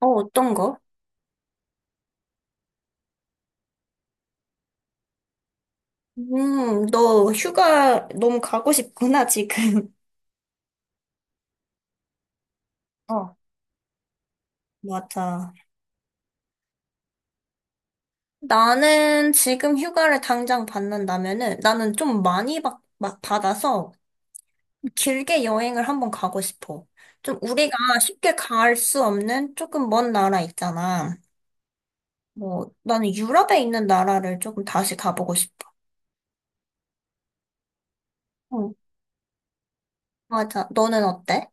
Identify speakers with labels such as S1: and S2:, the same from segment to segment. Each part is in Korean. S1: 어, 어떤 거? 너 휴가 너무 가고 싶구나, 지금. 어, 맞아. 나는 지금 휴가를 당장 받는다면은 나는 좀 많이 막 받아서 길게 여행을 한번 가고 싶어. 좀 우리가 쉽게 갈 수 없는 조금 먼 나라 있잖아. 뭐, 나는 유럽에 있는 나라를 조금 다시 가보고 싶어. 응, 맞아. 너는 어때?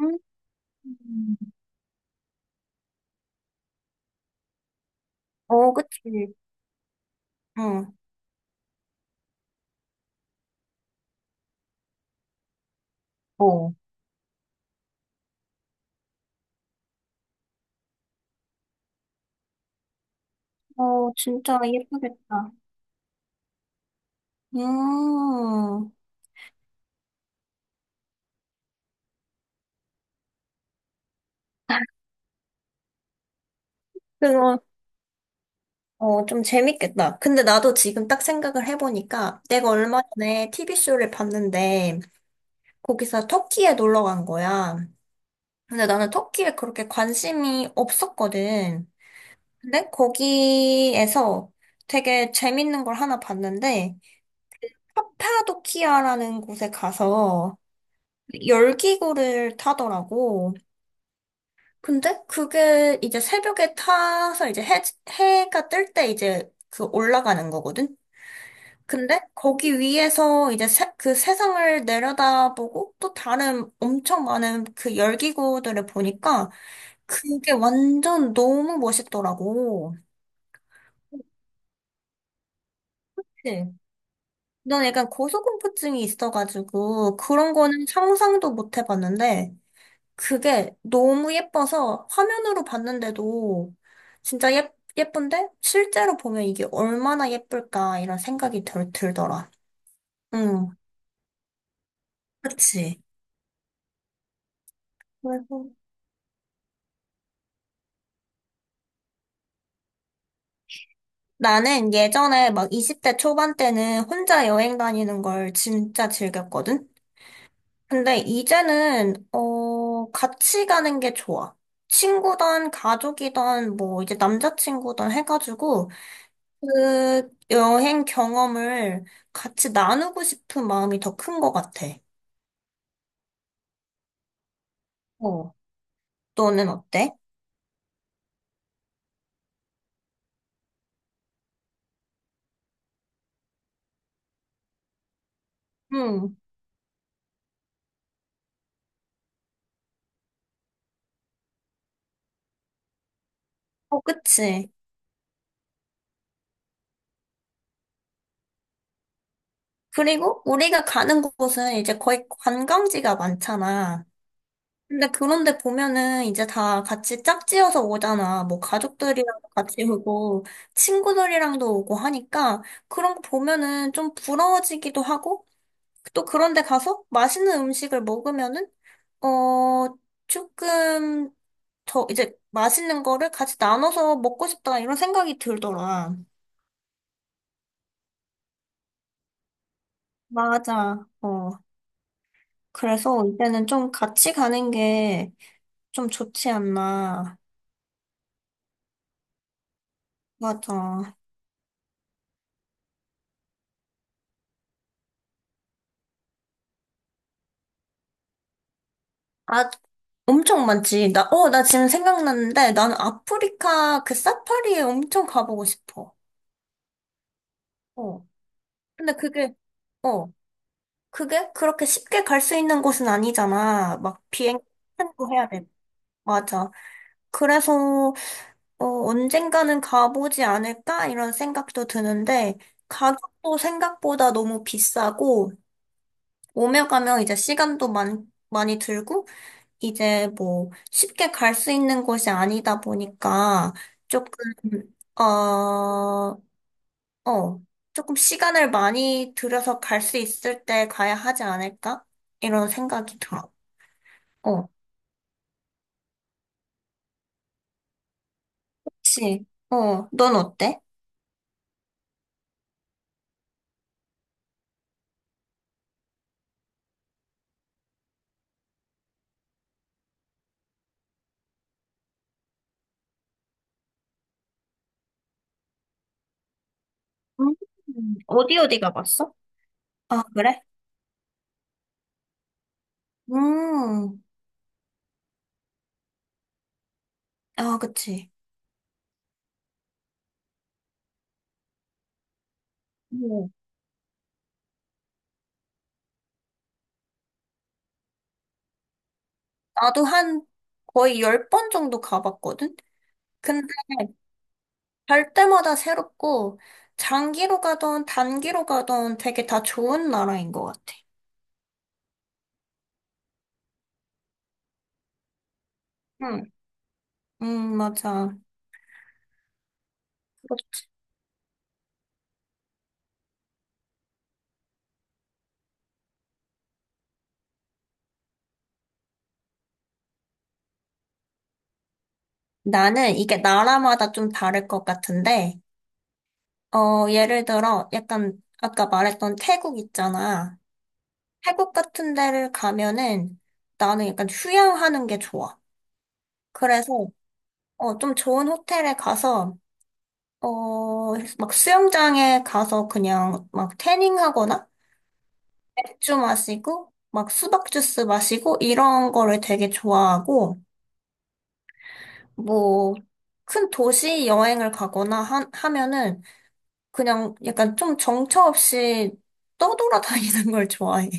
S1: 음. 어, 그치. 응. 어, 어, 진짜 예쁘겠다. 음, 그거, 좀 재밌겠다. 근데 나도 지금 딱 생각을 해보니까 내가 얼마 전에 TV쇼를 봤는데 거기서 터키에 놀러 간 거야. 근데 나는 터키에 그렇게 관심이 없었거든. 근데 거기에서 되게 재밌는 걸 하나 봤는데 카파도키아라는 곳에 가서 열기구를 타더라고. 근데 그게 이제 새벽에 타서 이제 해가 뜰 때 이제 그 올라가는 거거든? 근데 거기 위에서 이제 그 세상을 내려다보고 또 다른 엄청 많은 그 열기구들을 보니까 그게 완전 너무 멋있더라고. 네. 난 약간 고소공포증이 있어가지고 그런 거는 상상도 못 해봤는데 그게 너무 예뻐서 화면으로 봤는데도 진짜 예쁜데 실제로 보면 이게 얼마나 예쁠까 이런 생각이 들더라. 응, 그치. 그래서 나는 예전에 막 20대 초반 때는 혼자 여행 다니는 걸 진짜 즐겼거든? 근데 이제는, 같이 가는 게 좋아. 친구든 가족이든 뭐 이제 남자친구든 해가지고 그 여행 경험을 같이 나누고 싶은 마음이 더 큰 것 같아. 어. 너는 어때? 응. 어, 그치. 그리고 우리가 가는 곳은 이제 거의 관광지가 많잖아. 근데 그런데 보면은 이제 다 같이 짝지어서 오잖아. 뭐 가족들이랑 같이 오고 친구들이랑도 오고 하니까 그런 거 보면은 좀 부러워지기도 하고 또 그런데 가서 맛있는 음식을 먹으면은 어, 조금 저 이제 맛있는 거를 같이 나눠서 먹고 싶다 이런 생각이 들더라. 맞아. 어. 그래서 이제는 좀 같이 가는 게 좀 좋지 않나. 맞아. 아, 엄청 많지. 나 지금 생각났는데 나는 아프리카 그 사파리에 엄청 가보고 싶어. 어. 근데 어, 그게 그렇게 쉽게 갈 수 있는 곳은 아니잖아. 막 비행, 거 해야 돼. 맞아. 그래서 언젠가는 가보지 않을까? 이런 생각도 드는데, 가격도 생각보다 너무 비싸고, 오며 가며 이제 시간도 많이 들고, 이제 뭐 쉽게 갈 수 있는 곳이 아니다 보니까, 조금, 어, 어, 조금 시간을 많이 들여서 갈 수 있을 때 가야 하지 않을까? 이런 생각이 들어. 어, 그치. 어, 넌 어때? 음, 어디 어디 가봤어? 아, 그래? 음. 아, 그치. 음. 나도 한 거의 10번 정도 가봤거든? 근데 갈 때마다 새롭고, 장기로 가던 단기로 가던 되게 다 좋은 나라인 것 같아. 응, 맞아. 나는 이게 나라마다 좀 다를 것 같은데, 예를 들어, 약간, 아까 말했던 태국 있잖아. 태국 같은 데를 가면은 나는 약간 휴양하는 게 좋아. 그래서, 좀 좋은 호텔에 가서 막 수영장에 가서 그냥 막 태닝 하거나 맥주 마시고 막 수박 주스 마시고 이런 거를 되게 좋아하고 뭐 큰 도시 여행을 가거나 하면은 그냥 약간 좀 정처 없이 떠돌아다니는 걸 좋아해.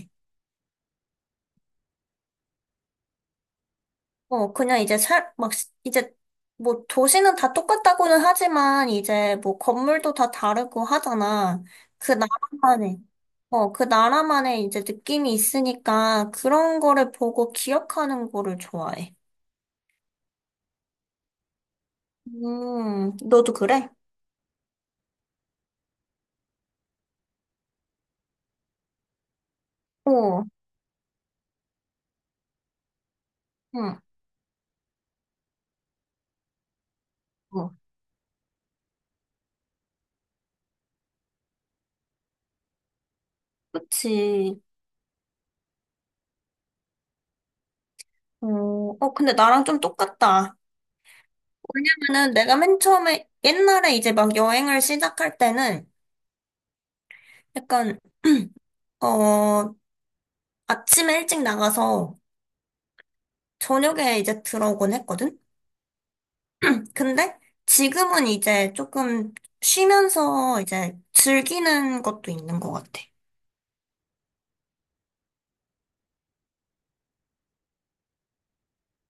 S1: 그냥 이제 막, 이제, 뭐, 도시는 다 똑같다고는 하지만, 이제, 뭐, 건물도 다 다르고 하잖아. 그 나라만의, 그 나라만의 이제 느낌이 있으니까, 그런 거를 보고 기억하는 거를 좋아해. 너도 그래? 어, 응, 어, 그치. 어, 어, 근데 나랑 좀 똑같다. 왜냐면은 내가 맨 처음에, 옛날에 이제 막 여행을 시작할 때는, 약간, 어, 아침에 일찍 나가서, 저녁에 이제 들어오곤 했거든? 근데 지금은 이제 조금 쉬면서 이제 즐기는 것도 있는 것 같아.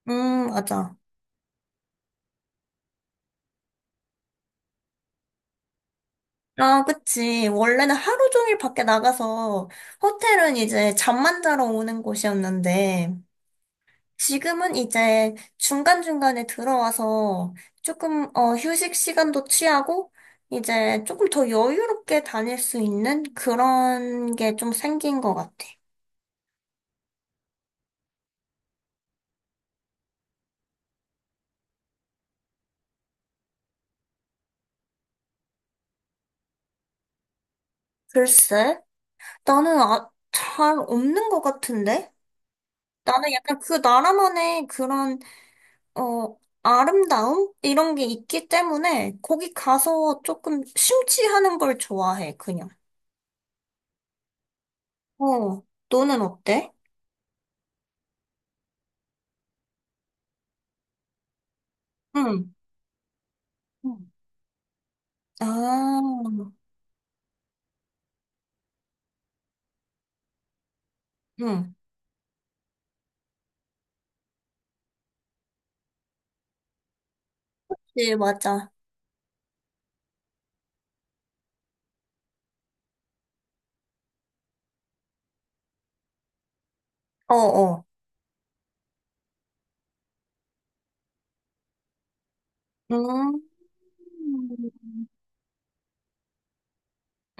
S1: 맞아. 아, 그치. 원래는 하루 종일 밖에 나가서 호텔은 이제 잠만 자러 오는 곳이었는데 지금은 이제 중간중간에 들어와서 조금, 휴식 시간도 취하고 이제 조금 더 여유롭게 다닐 수 있는 그런 게 좀 생긴 것 같아. 글쎄. 나는 아, 잘 없는 것 같은데? 나는 약간 그 나라만의 그런, 어, 아름다움? 이런 게 있기 때문에 거기 가서 조금 심취하는 걸 좋아해, 그냥. 어, 너는 어때? 응. 응. 아, 응. 네, 맞아. 어어. 음,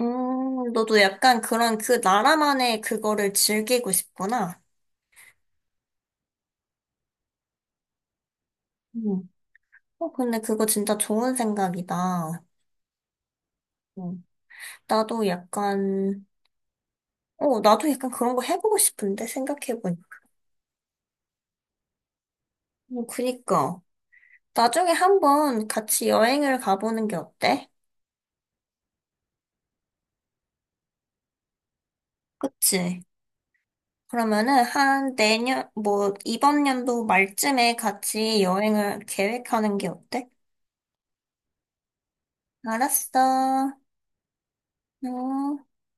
S1: 너도 약간 그런 그 나라만의 그거를 즐기고 싶구나. 응. 근데 그거 진짜 좋은 생각이다. 응. 나도 약간, 나도 약간 그런 거 해보고 싶은데, 생각해보니. 뭐, 그니까. 나중에 한번 같이 여행을 가보는 게 어때? 그치? 그러면은 한 내년, 뭐, 이번 연도 말쯤에 같이 여행을 계획하는 게 어때? 알았어. 응.